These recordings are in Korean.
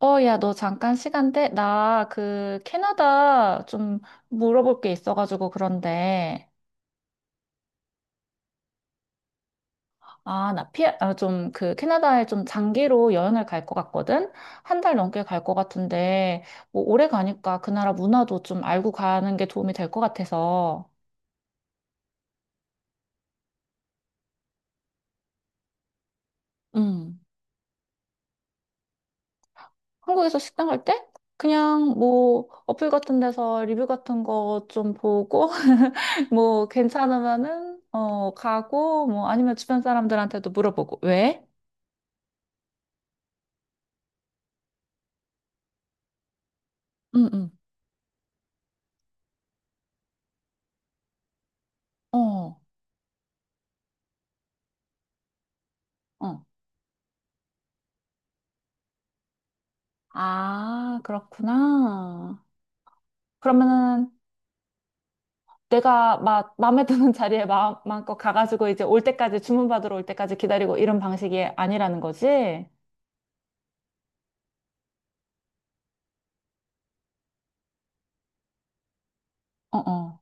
어, 야, 너 잠깐 시간 돼? 나 그 캐나다 좀 물어볼 게 있어가지고 그런데. 아, 좀 그 캐나다에 좀 장기로 여행을 갈 것 같거든? 한 달 넘게 갈 것 같은데, 뭐 오래 가니까 그 나라 문화도 좀 알고 가는 게 도움이 될 것 같아서. 음. 한국에서 식당 갈 때? 그냥 뭐 어플 같은 데서 리뷰 같은 거 좀 보고 뭐 괜찮으면은 어 가고 뭐 아니면 주변 사람들한테도 물어보고 왜? 응, 응. 어, 어. 아, 그렇구나. 그러면은 내가 막 마음에 드는 자리에 마음껏 가가지고 이제 올 때까지 주문받으러 올 때까지 기다리고 이런 방식이 아니라는 거지? 어, 어.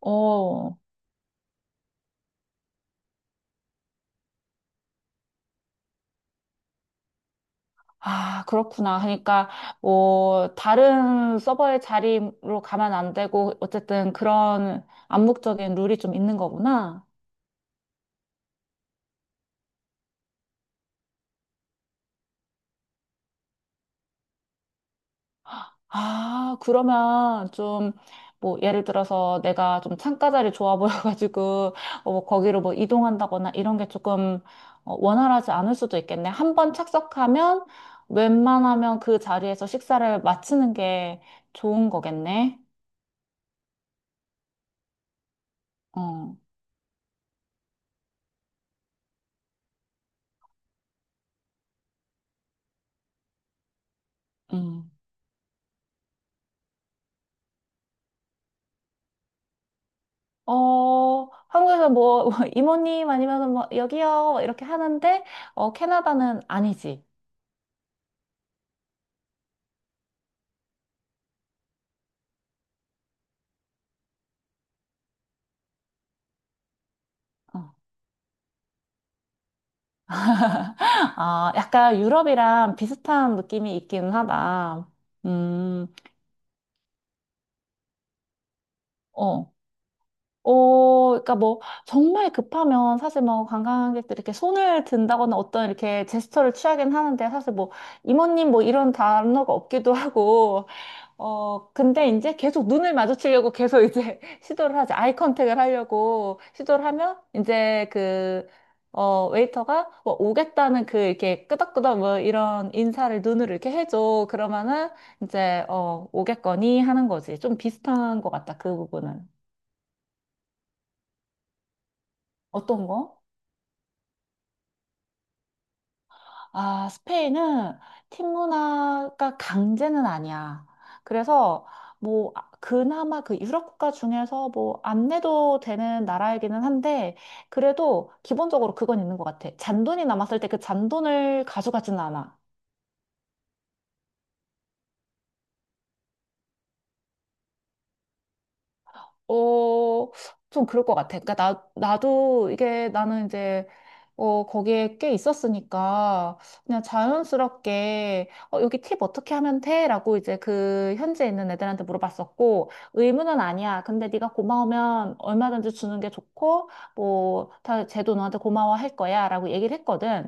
어. 아, 그렇구나. 그러니까 뭐 다른 서버의 자리로 가면 안 되고 어쨌든 그런 암묵적인 룰이 좀 있는 거구나. 아, 그러면 좀, 뭐, 예를 들어서 내가 좀 창가 자리 좋아 보여가지고, 어, 뭐 거기로 뭐 이동한다거나 이런 게 조금 어, 원활하지 않을 수도 있겠네. 한번 착석하면 웬만하면 그 자리에서 식사를 마치는 게 좋은 거겠네. 어, 음. 어, 한국에서 뭐, 이모님 아니면 뭐, 여기요, 이렇게 하는데, 어, 캐나다는 아니지. 어. 아, 약간 유럽이랑 비슷한 느낌이 있기는 하다. 음, 어. 어, 그러니까 뭐, 정말 급하면 사실 뭐, 관광객들이 이렇게 손을 든다거나 어떤 이렇게 제스처를 취하긴 하는데, 사실 뭐, 이모님 뭐 이런 단어가 없기도 하고, 어, 근데 이제 계속 눈을 마주치려고 계속 이제 시도를 하지. 아이 컨택을 하려고 시도를 하면 이제 그, 어, 웨이터가 뭐 오겠다는 그 이렇게 끄덕끄덕 뭐 이런 인사를 눈으로 이렇게 해줘. 그러면은 이제, 어, 오겠거니 하는 거지. 좀 비슷한 것 같다. 그 부분은. 어떤 거? 아, 스페인은 팀 문화가 강제는 아니야. 그래서 뭐 아, 그나마 그 유럽 국가 중에서 뭐 안 내도 되는 나라이기는 한데 그래도 기본적으로 그건 있는 것 같아. 잔돈이 남았을 때 그 잔돈을 가져가지는 않아. 어, 좀 그럴 것 같아. 그러니까 나도 이게 나는 이제, 어, 거기에 꽤 있었으니까, 그냥 자연스럽게, 어, 여기 팁 어떻게 하면 돼? 라고 이제 그 현지에 있는 애들한테 물어봤었고, 의무는 아니야. 근데 네가 고마우면 얼마든지 주는 게 좋고, 뭐, 다, 쟤도 너한테 고마워할 거야. 라고 얘기를 했거든.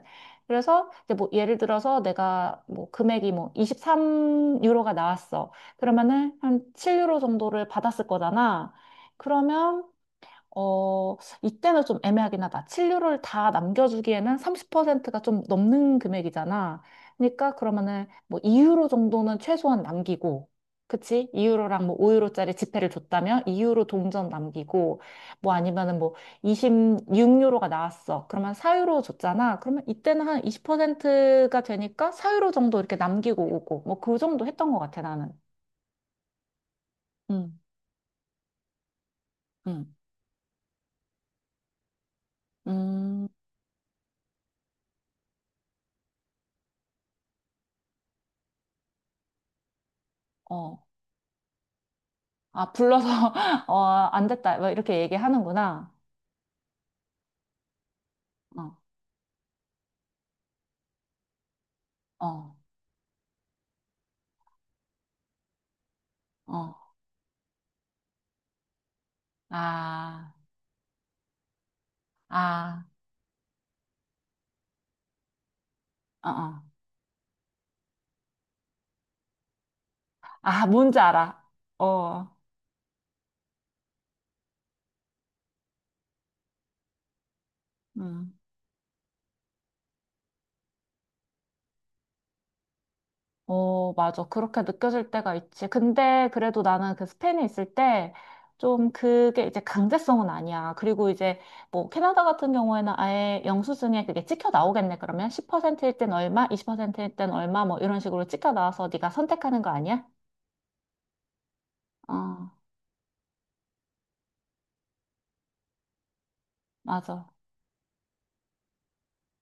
그래서 이제 뭐 예를 들어서 내가 뭐 금액이 뭐 23유로가 나왔어. 그러면은 한 7유로 정도를 받았을 거잖아. 그러면 어, 이때는 좀 애매하긴 하다. 치료를 다 남겨주기에는 30%가 좀 넘는 금액이잖아. 그러니까 그러면은 뭐 2유로 정도는 최소한 남기고, 그치? 2유로랑 뭐 5유로짜리 지폐를 줬다면 2유로 동전 남기고, 뭐 아니면은 뭐 26유로가 나왔어. 그러면 4유로 줬잖아. 그러면 이때는 한 20%가 되니까 4유로 정도 이렇게 남기고 오고, 뭐 그 정도 했던 것 같아, 나는. 응, 응, 음, 어. 아, 불러서, 어, 안 됐다. 뭐 이렇게 얘기하는구나. 어, 어, 어. 아, 아, 어, 어. 아, 뭔지 알아. 어, 음. 어, 맞아. 그렇게 느껴질 때가 있지. 근데 그래도 나는 그 스페인에 있을 때, 좀 그게 이제 강제성은 아니야. 그리고 이제 뭐 캐나다 같은 경우에는 아예 영수증에 그게 찍혀 나오겠네. 그러면 10%일 땐 얼마, 20%일 땐 얼마 뭐 이런 식으로 찍혀 나와서 네가 선택하는 거 아니야? 어, 맞아.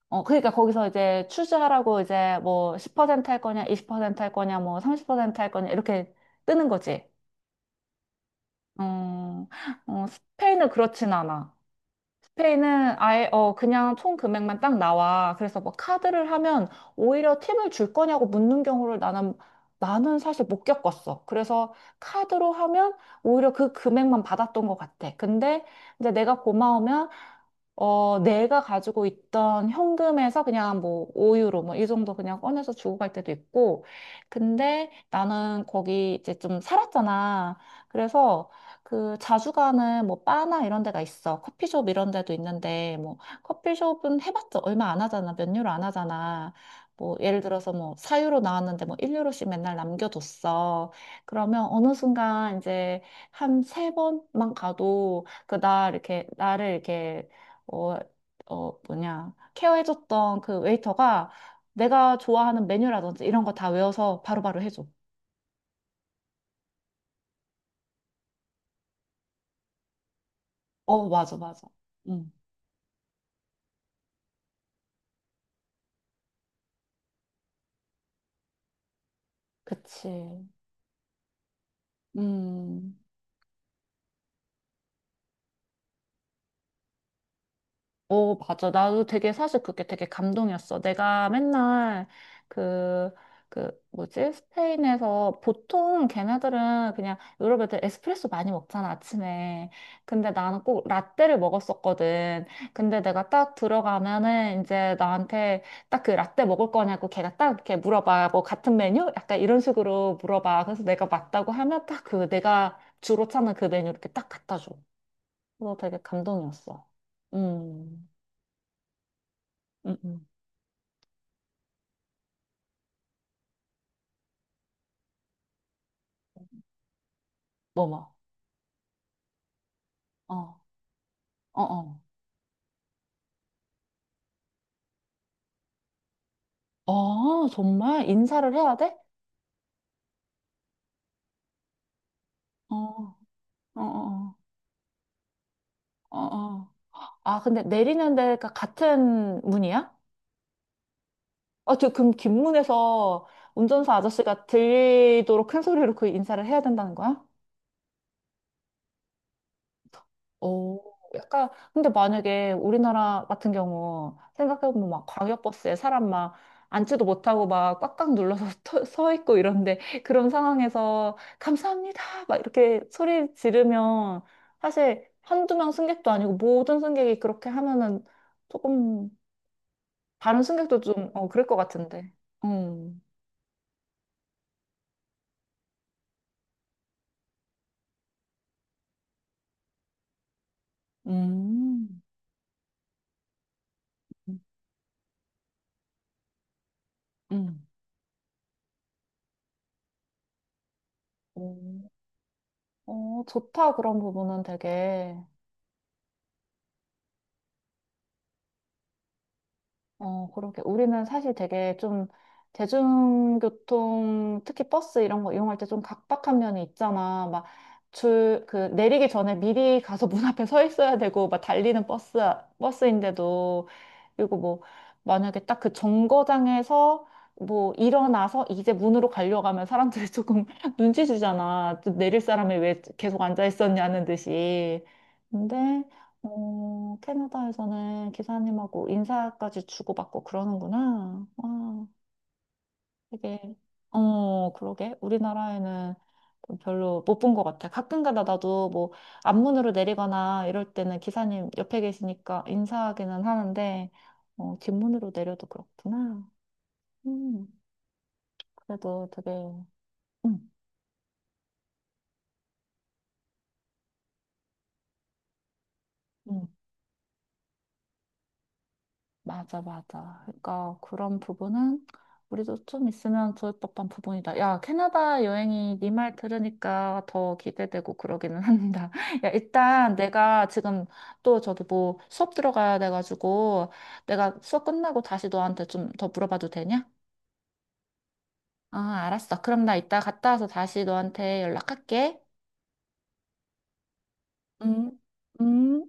어, 그러니까 거기서 이제 추즈하라고 이제 뭐 10%할 거냐, 20%할 거냐, 뭐 30%할 거냐, 이렇게 뜨는 거지. 어, 어, 스페인은 그렇진 않아. 스페인은 아예 어 그냥 총 금액만 딱 나와. 그래서 뭐 카드를 하면 오히려 팁을 줄 거냐고 묻는 경우를 나는 사실 못 겪었어. 그래서 카드로 하면 오히려 그 금액만 받았던 것 같아. 근데 이제 내가 고마우면 어 내가 가지고 있던 현금에서 그냥 뭐 5유로 뭐 이 정도 그냥 꺼내서 주고 갈 때도 있고. 근데 나는 거기 이제 좀 살았잖아. 그래서 그 자주 가는 뭐 바나 이런 데가 있어. 커피숍 이런 데도 있는데 뭐 커피숍은 해봤자 얼마 안 하잖아. 몇 유로 안 하잖아. 뭐 예를 들어서 뭐 4유로 나왔는데 뭐 1유로씩 맨날 남겨뒀어. 그러면 어느 순간 이제 한 세 번만 가도 그 나 이렇게 나를 이렇게 어, 어 뭐냐 케어해줬던 그 웨이터가 내가 좋아하는 메뉴라든지 이런 거 다 외워서 바로바로 해줘. 어 맞아 맞아. 응 그치. 음. 어, 맞아. 나도 되게 사실 그게 되게 감동이었어. 내가 맨날 그, 뭐지? 스페인에서 보통 걔네들은 그냥 유럽 애들 에스프레소 많이 먹잖아, 아침에. 근데 나는 꼭 라떼를 먹었었거든. 근데 내가 딱 들어가면은 이제 나한테 딱 그 라떼 먹을 거냐고 걔가 딱 이렇게 물어봐. 뭐 같은 메뉴? 약간 이런 식으로 물어봐. 그래서 내가 맞다고 하면 딱 그 내가 주로 찾는 그 메뉴 이렇게 딱 갖다 줘. 그거 되게 감동이었어. 음. 응, 응. 뭐, 뭐. 어, 어, 어. 어, 정말? 인사를 해야 돼? 어, 어, 어, 어, 어. 아, 근데 내리는 데가 같은 문이야? 아, 저, 그럼 긴 문에서 운전사 아저씨가 들리도록 큰 소리로 그 인사를 해야 된다는 거야? 어, 약간, 근데 만약에 우리나라 같은 경우, 생각해보면 막 광역버스에 사람 막 앉지도 못하고 막 꽉꽉 눌러서 서 있고 이런데, 그런 상황에서 감사합니다! 막 이렇게 소리 지르면, 사실 한두 명 승객도 아니고 모든 승객이 그렇게 하면은 조금, 다른 승객도 좀, 어, 그럴 것 같은데. 음, 음, 음. 어, 어, 좋다, 그런 부분은 되게. 어, 그러게. 우리는 사실 되게 좀 대중교통, 특히 버스 이런 거 이용할 때 좀 각박한 면이 있잖아. 막 줄, 그, 내리기 전에 미리 가서 문 앞에 서 있어야 되고, 막 달리는 버스, 버스인데도. 그리고 뭐 만약에 딱 그 정거장에서 뭐 일어나서 이제 문으로 가려고 하면 사람들이 조금 눈치 주잖아. 또 내릴 사람이 왜 계속 앉아 있었냐는 듯이. 근데 어, 캐나다에서는 기사님하고 인사까지 주고받고 그러는구나. 와, 되게 어, 그러게. 우리나라에는 좀 별로 못 본 것 같아. 가끔가다 나도 뭐 앞문으로 내리거나 이럴 때는 기사님 옆에 계시니까 인사하기는 하는데 어, 뒷문으로 내려도 그렇구나. 음, 그래도 되게 응 응. 맞아, 맞아. 그러니까 그런 부분은 우리도 좀 있으면 좋을 법한 부분이다. 야, 캐나다 여행이 네 말 들으니까 더 기대되고 그러기는 한다. 야, 일단 내가 지금 또 저기 뭐 수업 들어가야 돼가지고 내가 수업 끝나고 다시 너한테 좀 더 물어봐도 되냐? 아, 알았어. 그럼 나 이따 갔다 와서 다시 너한테 연락할게. 응. 음.